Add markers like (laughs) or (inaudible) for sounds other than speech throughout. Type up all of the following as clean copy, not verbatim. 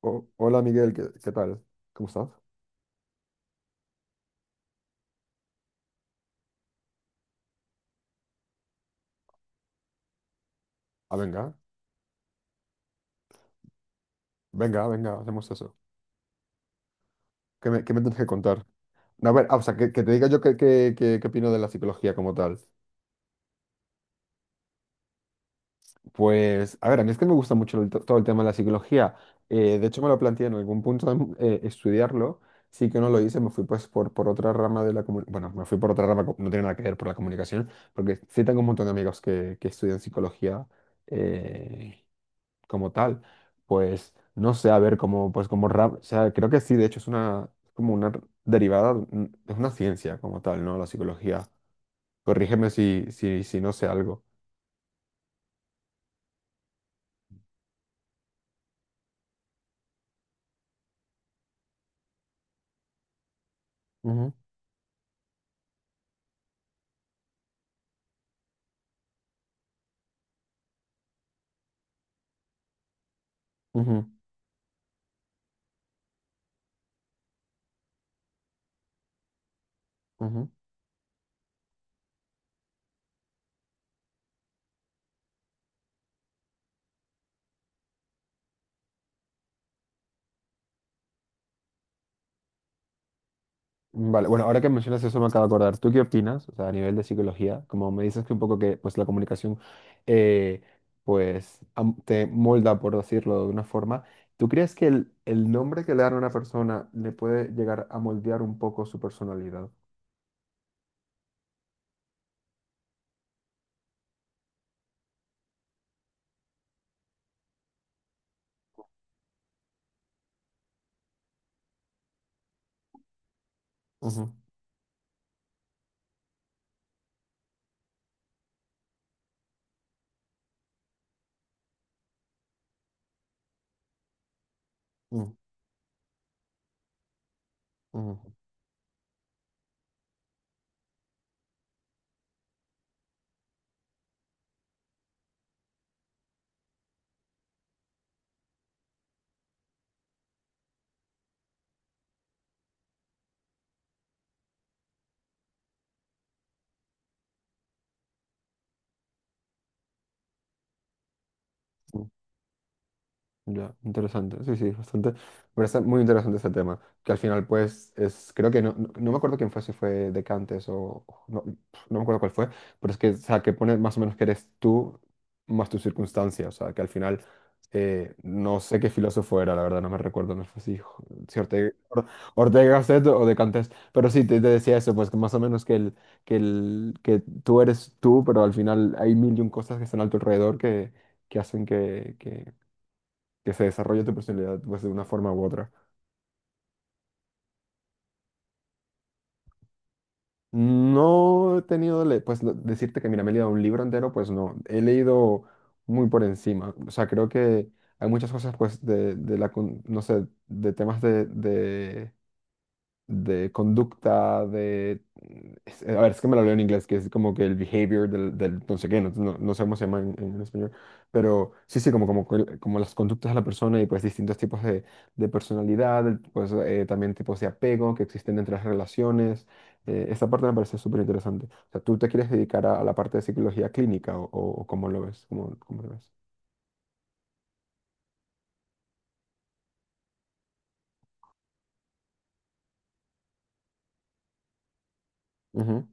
Oh, hola Miguel, ¿qué tal? ¿Cómo estás? Ah, venga, venga, venga, hacemos eso. ¿Qué me tienes que contar? No, a ver, o sea, que te diga yo qué opino de la psicología como tal. Pues, a ver, a mí es que me gusta mucho todo el tema de la psicología. De hecho, me lo planteé en algún punto estudiarlo. Sí que no lo hice, me fui pues por otra rama de la comunicación. Bueno, me fui por otra rama, no tiene nada que ver por la comunicación, porque sí tengo un montón de amigos que estudian psicología. eh, como tal. Pues no sé, a ver, como, pues como rama, o sea, creo que sí, de hecho es como una derivada, es una ciencia como tal, ¿no? La psicología. Corrígeme si no sé algo. Ujú, ujú, ujú. Vale, bueno, ahora que mencionas eso me acabo de acordar. ¿Tú qué opinas? O sea, a nivel de psicología, como me dices que un poco que pues la comunicación eh, pues te molda, por decirlo de una forma. ¿Tú crees que el nombre que le dan a una persona le puede llegar a moldear un poco su personalidad? Mm, mm, mm. Ya, interesante. Sí, sí, bastante. Me parece muy interesante ese tema. Que al final, pues, es. Creo que no me acuerdo quién fue, si fue Descartes o. O no, no me acuerdo cuál fue. Pero es que, o sea, que pone más o menos que eres tú más tu circunstancia. O sea, que al final. No sé qué filósofo era, la verdad, no me recuerdo. No sé si Ortega, Ortega Gasset o Descartes. Pero sí, te decía eso, pues, que más o menos que tú eres tú, pero al final hay mil y un cosas que están a tu alrededor que hacen que se desarrolle tu personalidad pues, de una forma u otra. No he tenido, pues decirte que mira, me he leído un libro entero, pues no, he leído muy por encima. O sea, creo que hay muchas cosas pues no sé, de temas de conducta, de. A ver, es que me lo leo en inglés, que es como que el behavior del no sé qué, no sé cómo se llama en español, pero sí, sí, como las conductas de la persona y pues distintos tipos de personalidad, pues también tipos de apego que existen entre las relaciones. Esta parte me parece súper interesante. O sea, ¿tú te quieres dedicar a la parte de psicología clínica o cómo lo ves? Cómo, cómo lo ves? Ujú,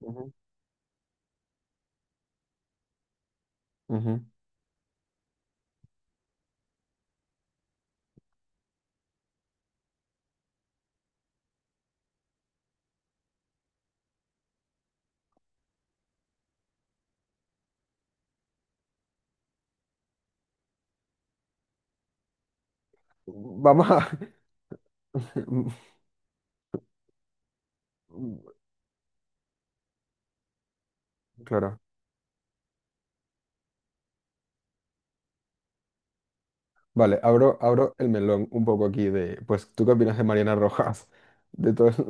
ujú, ujú. Vamos a. (laughs) Claro. Vale, abro el melón un poco aquí de, pues, ¿tú qué opinas de Mariana Rojas? De todo eso.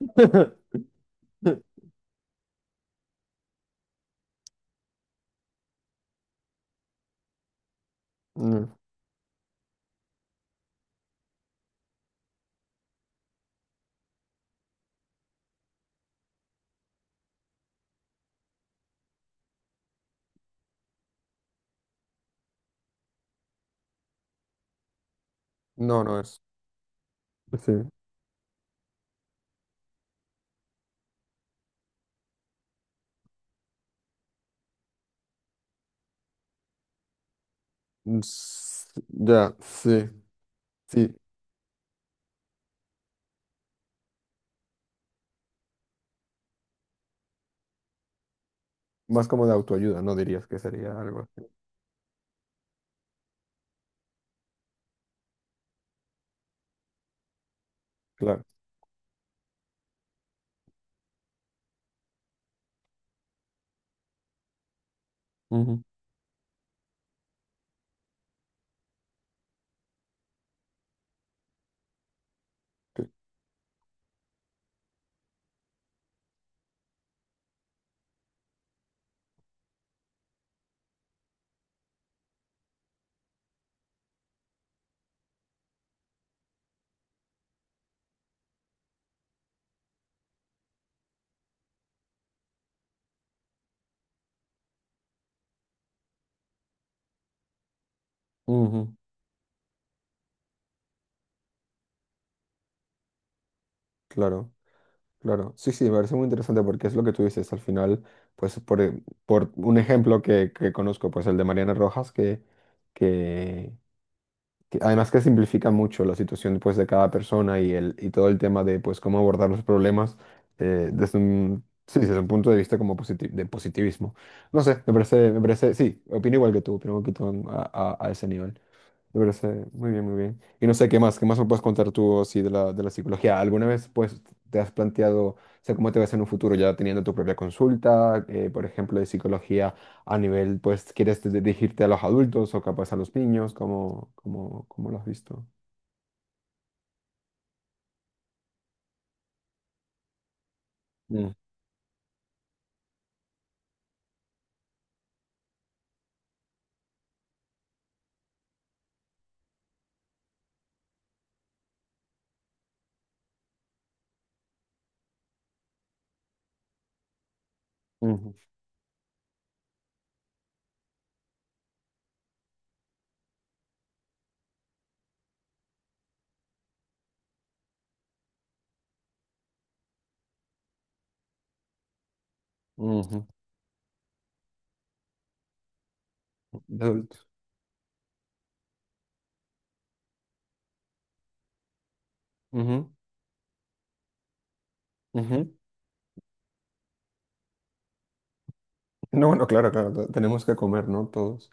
(laughs) Mm. No, no es. Sí. Ya, sí, sí. Más como de autoayuda, ¿no? Dirías que sería algo así. Claro. Ujú, cl- ujú. Claro, claro. Sí, sí, me parece muy interesante porque es lo que tú dices. Al final, pues, por un ejemplo que conozco, pues el de Mariana Rojas, que, además que simplifica mucho la situación pues, de cada persona y todo el tema de pues, cómo abordar los problemas sí, desde un punto de vista como de positivismo. No sé, me parece, sí, opino igual que tú, opino un poquito a ese nivel. Me parece muy bien, muy bien. Y no sé qué más me puedes contar tú así de la psicología. ¿Alguna vez pues te has planteado, o sea, cómo te ves en un futuro ya teniendo tu propia consulta, por ejemplo, de psicología a nivel, pues, quieres dirigirte a los adultos o capaz a los niños? ¿Cómo lo has visto? Mm, ujú, ujú, de adultos. Ujú, ujú. No, no, claro, claro, tenemos que comer, ¿no? Todos.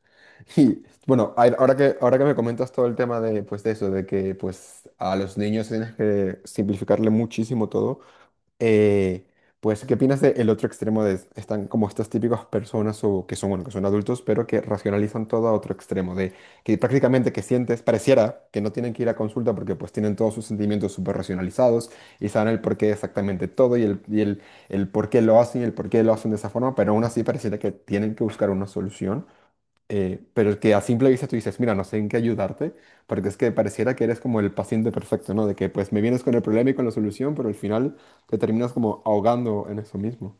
(laughs) Y bueno, ahora que me comentas todo el tema de, pues, de eso, de que pues a los niños tienes que simplificarle muchísimo todo, eh, pues, ¿qué opinas del otro extremo de están como estas típicas personas o que son, bueno, que son adultos, pero que racionalizan todo a otro extremo, de que prácticamente que sientes, pareciera que no tienen que ir a consulta porque pues tienen todos sus sentimientos súper racionalizados y saben el porqué de exactamente todo y el por qué lo hacen y el por qué lo hacen de esa forma, pero aún así pareciera que tienen que buscar una solución pero el que a simple vista tú dices, mira, no sé en qué ayudarte, porque es que pareciera que eres como el paciente perfecto, ¿no? De que pues me vienes con el problema y con la solución, pero al final te terminas como ahogando en eso mismo.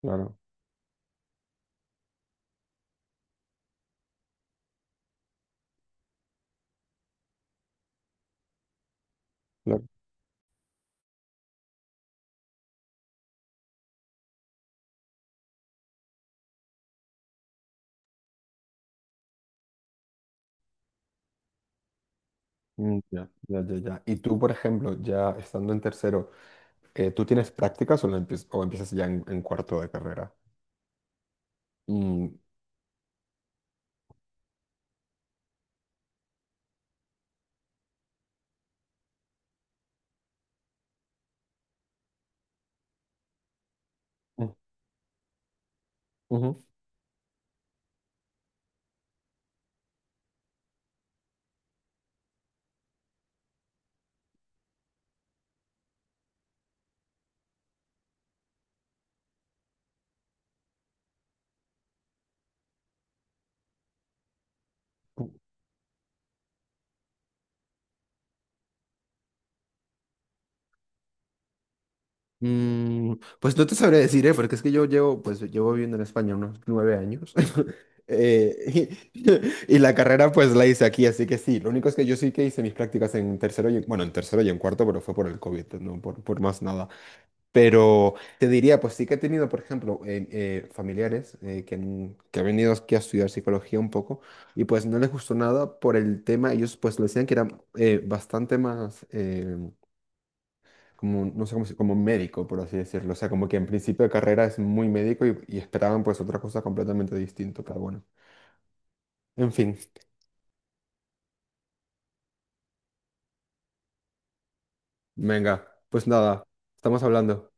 Claro, claro. Mm. Ya, ya, ya, ya. Y tú, por ejemplo, ya estando en tercero, ¿tú tienes prácticas o empiezas ya en cuarto de carrera? Mm, mm, ujú. Pues no te sabré decir, ¿eh? Porque es que yo llevo, pues llevo viviendo en España unos 9 años. (laughs) Eh, (laughs) y la carrera pues la hice aquí, así que sí. Lo único es que yo sí que hice mis prácticas en tercero y, bueno, en tercero y en cuarto, pero fue por el COVID, no por más nada. Pero te diría, pues sí que he tenido, por ejemplo, familiares que han venido aquí a estudiar psicología un poco y pues no les gustó nada por el tema. Ellos pues lo decían que era bastante más, como, no sé cómo como médico, por así decirlo. O sea, como que en principio de carrera es muy médico y esperaban pues otra cosa completamente distinta, pero bueno. En fin, venga, pues nada, estamos hablando.